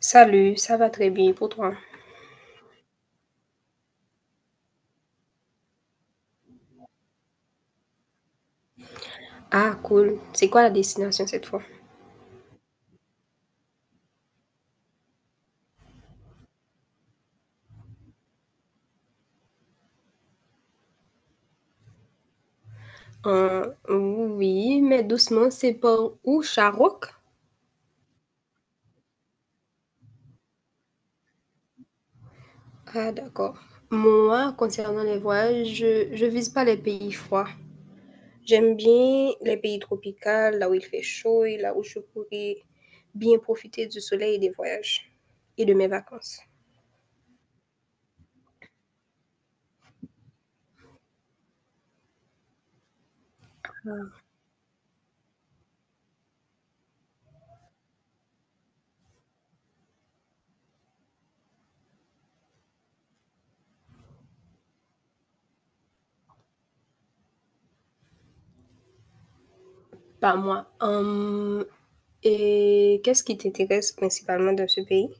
Salut, ça va très bien pour toi? Ah, cool. C'est quoi la destination cette fois? Oui, mais doucement, c'est pas où, Charok? Ah, d'accord. Moi, concernant les voyages, je vise pas les pays froids. J'aime bien les pays tropicaux, là où il fait chaud et là où je pourrais bien profiter du soleil et des voyages et de mes vacances. Pas moi. Et qu'est-ce qui t'intéresse principalement dans ce pays?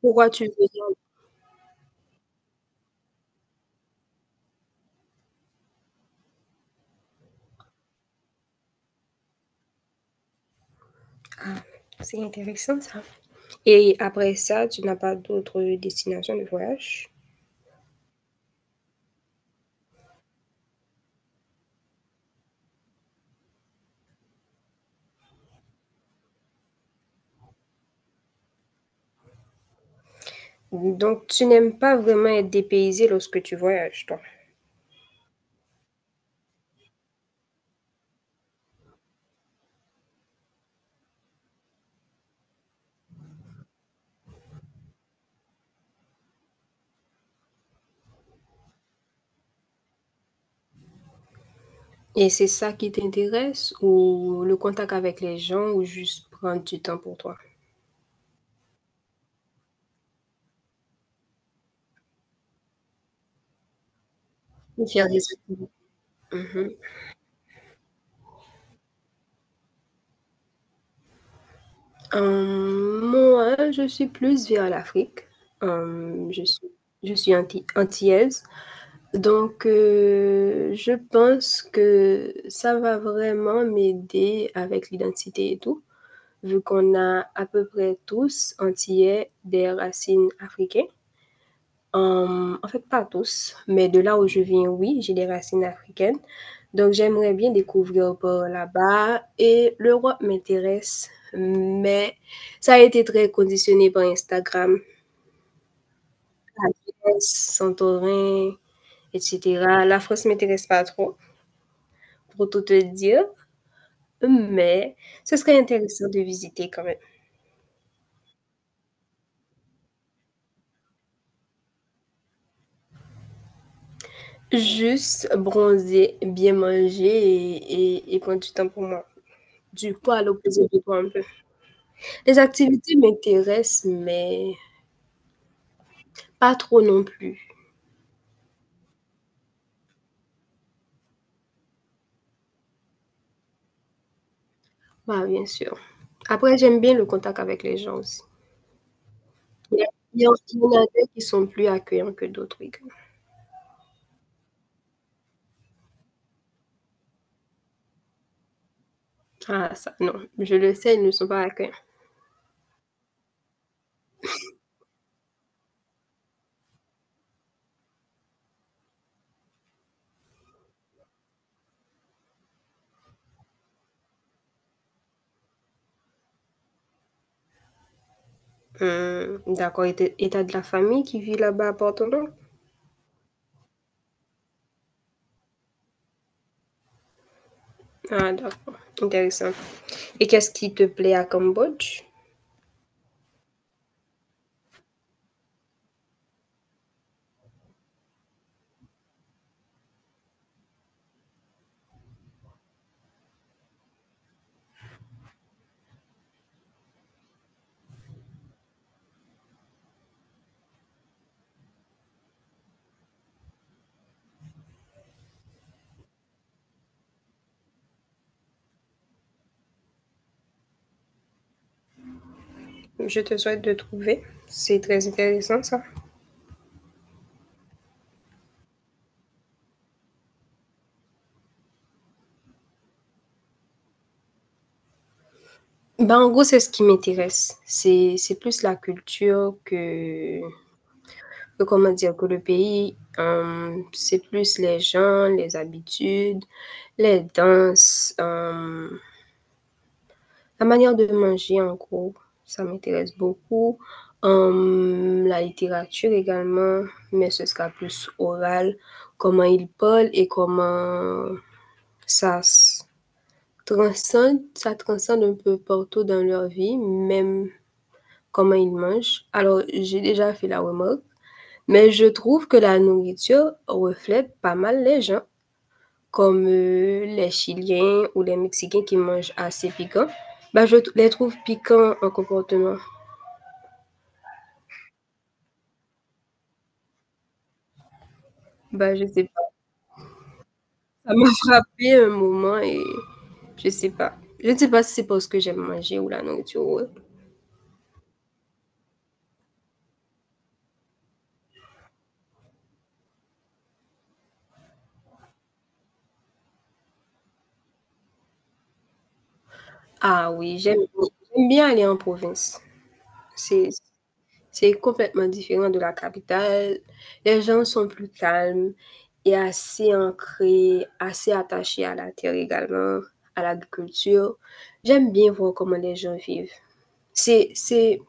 Pourquoi tu veux dire? Ah, c'est intéressant ça. Et après ça, tu n'as pas d'autres destinations de voyage? Donc, tu n'aimes pas vraiment être dépaysé lorsque tu voyages, toi? Et c'est ça qui t'intéresse, ou le contact avec les gens, ou juste prendre du temps pour toi? Ou faire des activités. Mmh mh. Moi, je suis plus vers l'Afrique. Hem, je suis je suis anti antillaise. Donc, je pense que ça va vraiment m'aider avec l'identité et tout, vu qu'on a à peu près tous antillais des racines africaines. Hem, en fait, pas tous, mais de là où je viens, oui, j'ai des racines africaines. Donc j'aimerais bien découvrir par là-bas et l'Europe m'intéresse, mais ça a été très conditionné par Instagram. La Grèce, Santorin et cetera. La France m'intéresse pas trop, pour tout te dire, mais ce serait intéressant de visiter quand même. Juste bronzer, bien manger et prendre du temps pour moi. Du poids à l'opposé de toi un peu. Les activités m'intéressent, mais pas trop non plus. Bah, bien sûr. Après, j'aime bien le contact avec les gens aussi. Il y a- il y en a des qui sont plus accueillants que d'autres, oui. Ah, ça, non. Je le sais, ils ne sont pas accueillants. D'accord. Et t'as de la famille qui vit là-bas à Porto Novo? Ah, d'accord. Intéressant. Et qu'est-ce qui te plaît à Cambodge? Je te souhaite de trouver. C'est très intéressant ça. Ben, en gros, c'est ce qui m'intéresse. C'est plus la culture comment dire, que le pays. C'est plus les gens, les habitudes, les danses, la manière de manger en gros. Ça m'intéresse beaucoup. La littérature également, mais ce sera plus oral. Comment ils parlent et comment ça se Transcende, ça transcende un peu partout dans leur vie, même comment ils mangent. Alors, j'ai déjà fait la remarque, mais je trouve que la nourriture reflète pas mal les gens, comme les Chiliens ou les Mexicains qui mangent assez piquant. Les trouve piquants en comportement. Bah, je sais pas. Ça m'a frappé un moment et je sais pas. Je ne sais pas si c'est parce que j'aime manger ou la nourriture, ouais. Ah oui, j'aime bien aller en province. C'est C'est complètement différent de la capitale. Les gens sont plus calmes et assez ancrés, assez attachés à la terre également, à l'agriculture. J'aime bien voir comment les gens vivent. C'est, c'est,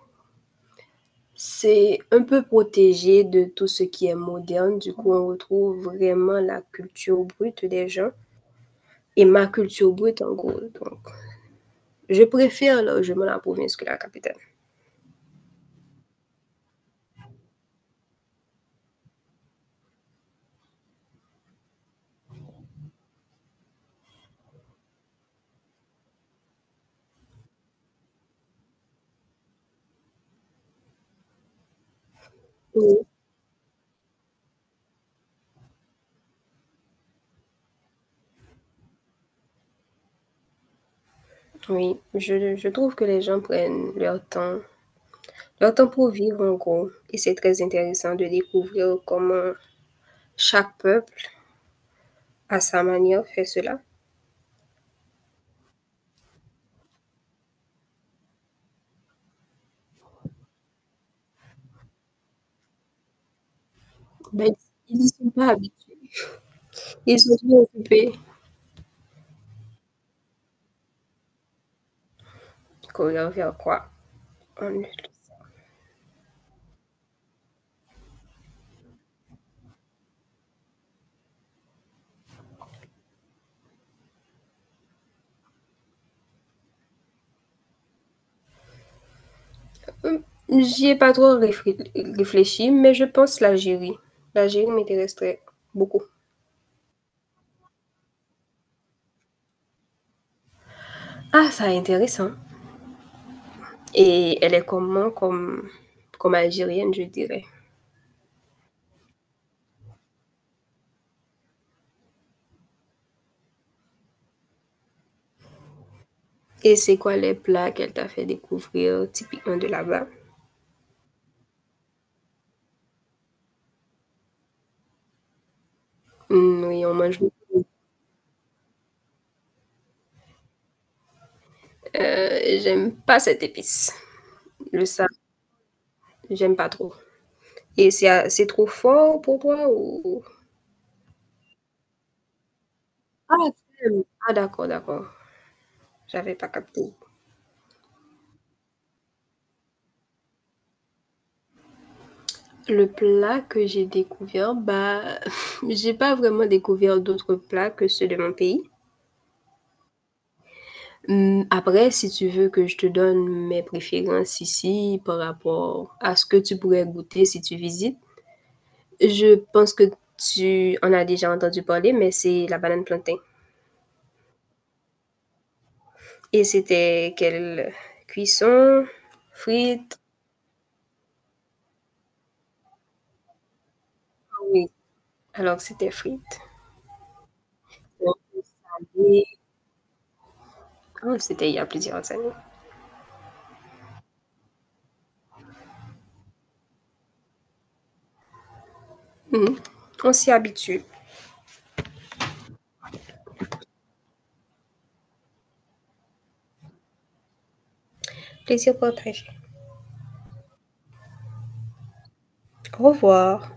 c'est un peu protégé de tout ce qui est moderne. Du coup, on retrouve vraiment la culture brute des gens et ma culture brute en gros. Donc, je préfère largement la province que la capitale. Oui, oui, je trouve que les gens prennent leur temps Leurs pour vivre en gros. Et c'est très intéressant de découvrir comment chaque peuple, à sa manière, fait cela. Ben, ils n'y sont pas habitués. Ils sont bien occupés. Courir vers quoi. On ne. Hum, J'y ai pas trop réfléchi, mais je pense l'Algérie. L'Algérie m'intéresserait beaucoup. Ah, ça est intéressant. Et elle est comment comme, comme algérienne, je dirais. Et c'est quoi les plats qu'elle t'a fait découvrir typiquement de là-bas? Oui, on mange. J'aime pas cette épice. Le sable, j'aime pas trop. Et c'est trop fort pour toi ou... Ah, t'aimes. Ah, d'accord, d'accord. J'avais pas capté. Le plat que j'ai découvert, bah, j'ai pas vraiment découvert d'autres plats que ceux de mon pays. Après, si tu veux que je te donne mes préférences ici par rapport à ce que tu pourrais goûter si tu visites, je pense que tu en as déjà entendu parler, mais c'est la banane plantain. Et c'était quelle cuisson? Frites? Oui, alors c'était frites. On s'habille- Ah, c'était il y a plusieurs années. Mmh. On s'y habitue. Plaisir partagé. Au revoir.